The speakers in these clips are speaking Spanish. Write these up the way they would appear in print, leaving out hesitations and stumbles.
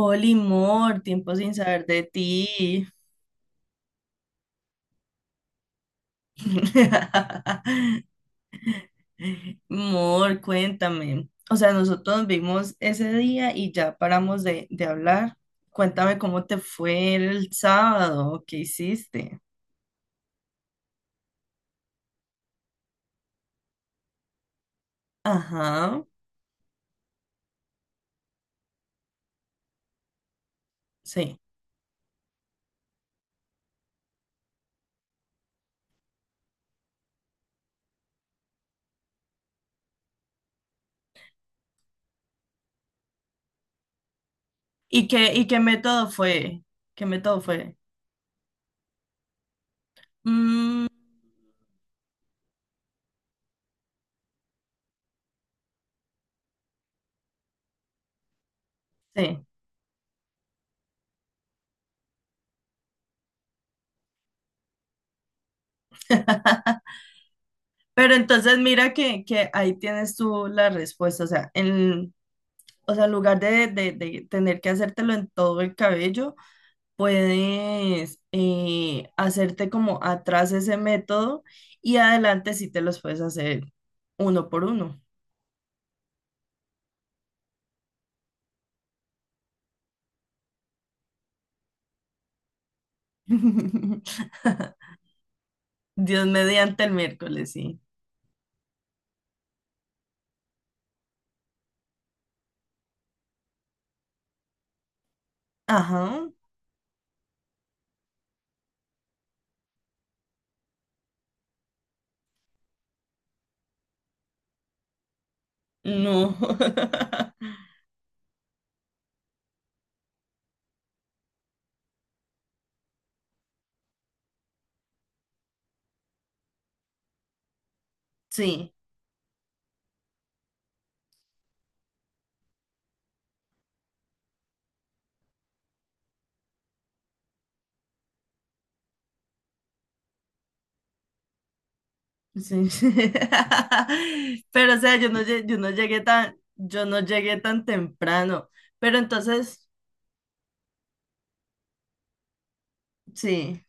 Oli, Mor, tiempo sin saber de ti. Mor, cuéntame. O sea, nosotros nos vimos ese día y ya paramos de hablar. Cuéntame cómo te fue el sábado, qué hiciste. Ajá, sí. Y qué método fue? ¿Qué método fue? Mm, sí. Pero entonces mira que ahí tienes tú la respuesta, o sea, en lugar de tener que hacértelo en todo el cabello, puedes hacerte como atrás ese método y adelante sí te los puedes hacer uno por uno. Dios mediante el miércoles, sí. Ajá, no. Sí, sí. Pero o sea, yo no llegué tan, yo no llegué tan temprano, pero entonces, sí.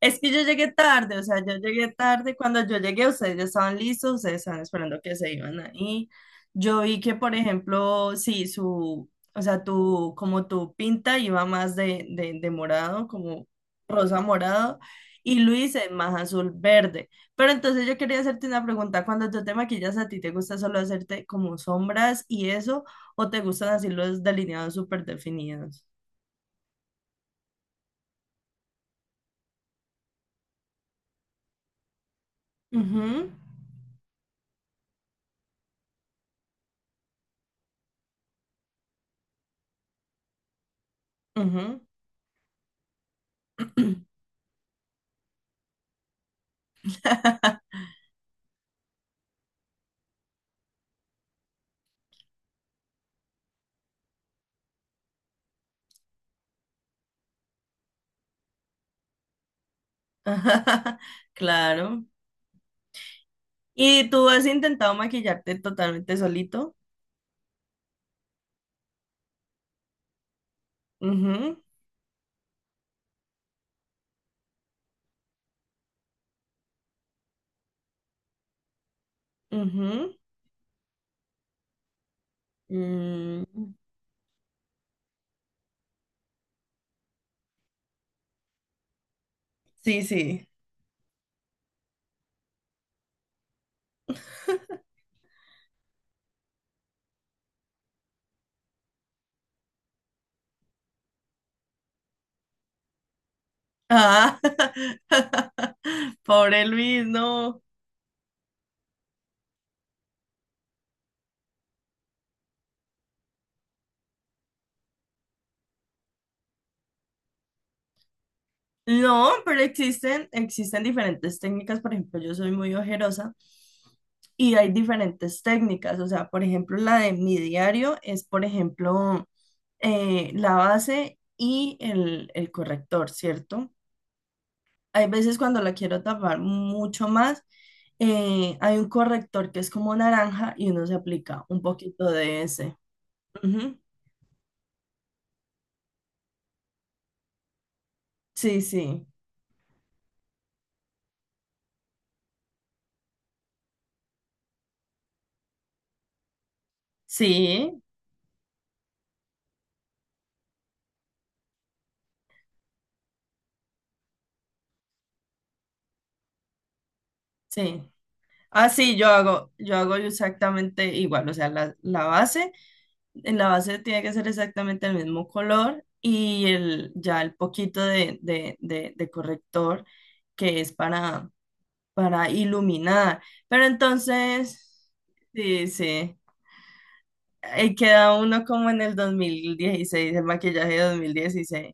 Es que yo llegué tarde, o sea, yo llegué tarde. Cuando yo llegué, ustedes ya estaban listos, ustedes estaban esperando que se iban ahí. Yo vi que, por ejemplo, sí, o sea, tu, como tu pinta iba más de morado, como rosa morado, y Luis es más azul verde. Pero entonces yo quería hacerte una pregunta. Cuando tú te maquillas, ¿a ti te gusta solo hacerte como sombras y eso, o te gustan así los delineados súper definidos? Ujú, ujú. Claro. ¿Y tú has intentado maquillarte totalmente solito? Ujú, ujú. Mm, sí, sí. Ah, pobre Luis, no. No, pero existen, existen diferentes técnicas. Por ejemplo, yo soy muy ojerosa y hay diferentes técnicas. O sea, por ejemplo, la de mi diario es, por ejemplo, la base y el corrector, ¿cierto? Hay veces cuando la quiero tapar mucho más, hay un corrector que es como naranja y uno se aplica un poquito de ese. Ujú. Sí, sí, sí, sí. Ah, sí, yo hago exactamente igual, o sea, la base, en la base tiene que ser exactamente el mismo color y el, ya el poquito de corrector que es para iluminar. Pero entonces, sí, sí. Ahí queda uno como en el 2016, el maquillaje de 2016.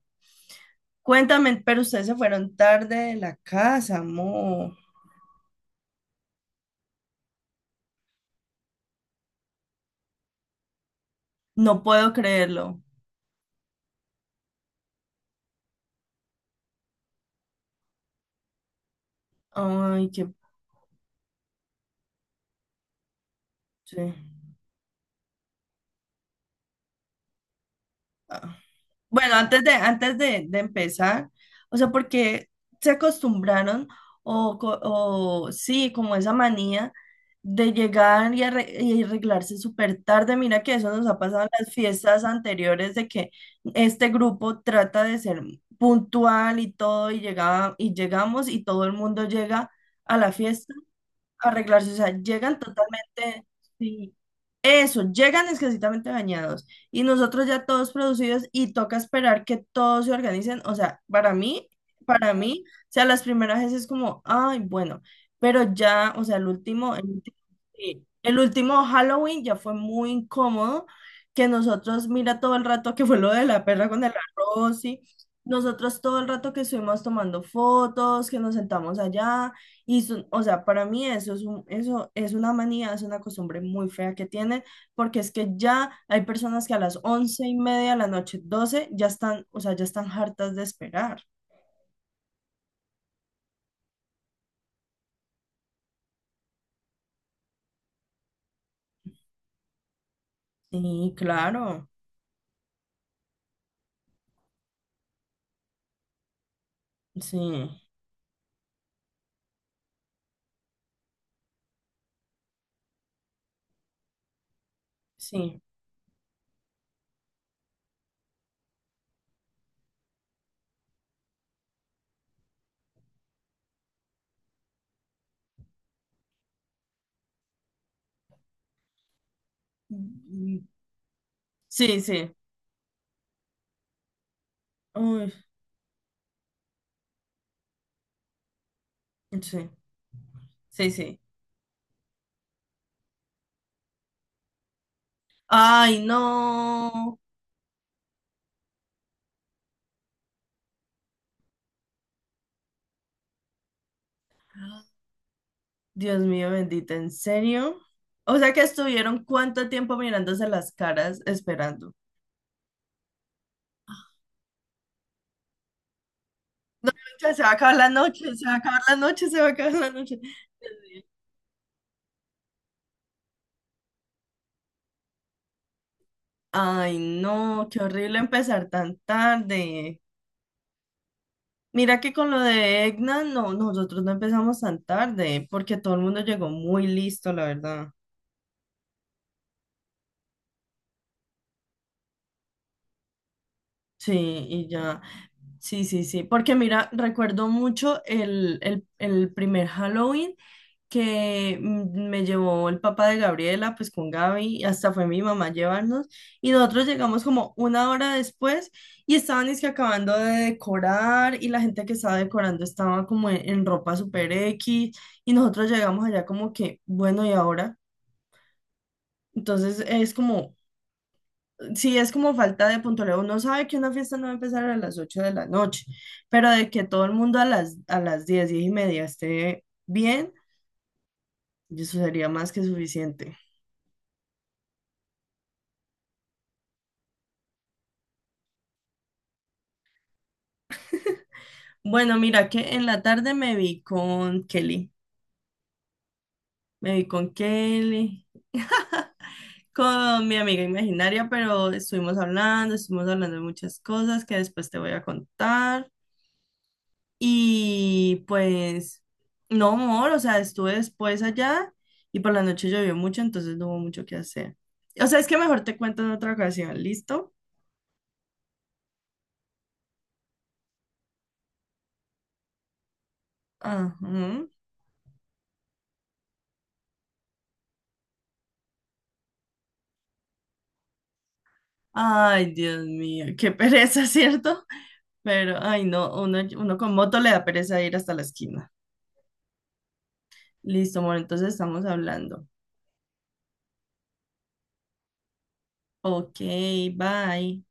Cuéntame, pero ustedes se fueron tarde de la casa, amor. No puedo creerlo. Ay, qué... sí. Ah. Bueno, antes de, antes de empezar, o sea, porque se acostumbraron o, co- o sí, como esa manía de llegar y, arre- y arreglarse súper tarde. Mira que eso nos ha pasado en las fiestas anteriores de que este grupo trata de ser puntual y todo y llegaba, y llegamos y todo el mundo llega a la fiesta arreglarse, o sea, llegan totalmente, sí, eso, llegan exquisitamente bañados y nosotros ya todos producidos y toca esperar que todos se organicen, o sea, para mí, o sea, las primeras veces es como, ay, bueno, pero ya, o sea, el último, sí, el último Halloween ya fue muy incómodo, que nosotros, mira todo el rato que fue lo de la perra con el arroz, sí. Nosotros todo el rato que estuvimos tomando fotos, que nos sentamos allá, o sea, para mí eso es un, eso es una manía, es una costumbre muy fea que tienen, porque es que ya hay personas que a las 11:30 de la noche, 12, ya están, o sea, ya están hartas de esperar. Sí, claro, sí, sí. Mm, sí, sí, uy, sí, sí, sí. Ay, no, Dios mío bendito, ¿en serio? O sea que estuvieron cuánto tiempo mirándose las caras esperando. Noche, se va a acabar la noche, se va a acabar la noche, se va a acabar la noche. Ay, no, qué horrible empezar tan tarde. Mira que con lo de Egna, no, nosotros no empezamos tan tarde, porque todo el mundo llegó muy listo, la verdad. Sí, y ya. Sí, sí, sí. Porque mira, recuerdo mucho el primer Halloween. Que mm, me llevó el papá de Gabriela, pues con Gaby, y hasta fue mi mamá a llevarnos, y nosotros llegamos como una hora después y estaban es que acabando de decorar y la gente que estaba decorando estaba como en ropa super X y nosotros llegamos allá como que, bueno, ¿y ahora? Entonces es como... Sí, es como falta de puntualidad. Uno sabe que una fiesta no va a empezar a las 8 de la noche, pero de que todo el mundo a las 10, 10:30 esté bien, eso sería más que suficiente. Bueno, mira que en la tarde me vi con Kelly, me vi con Kelly, con mi amiga imaginaria, pero estuvimos hablando de muchas cosas que después te voy a contar. Y pues, no, amor, o sea, estuve después allá y por la noche llovió mucho, entonces no hubo mucho que hacer. O sea, es que mejor te cuento en otra ocasión, ¿listo? Ajá. Ay, Dios mío, qué pereza, ¿cierto? Pero, ay, no, uno, uno con moto le da pereza ir hasta la esquina. Listo, amor, entonces estamos hablando. Ok, bye.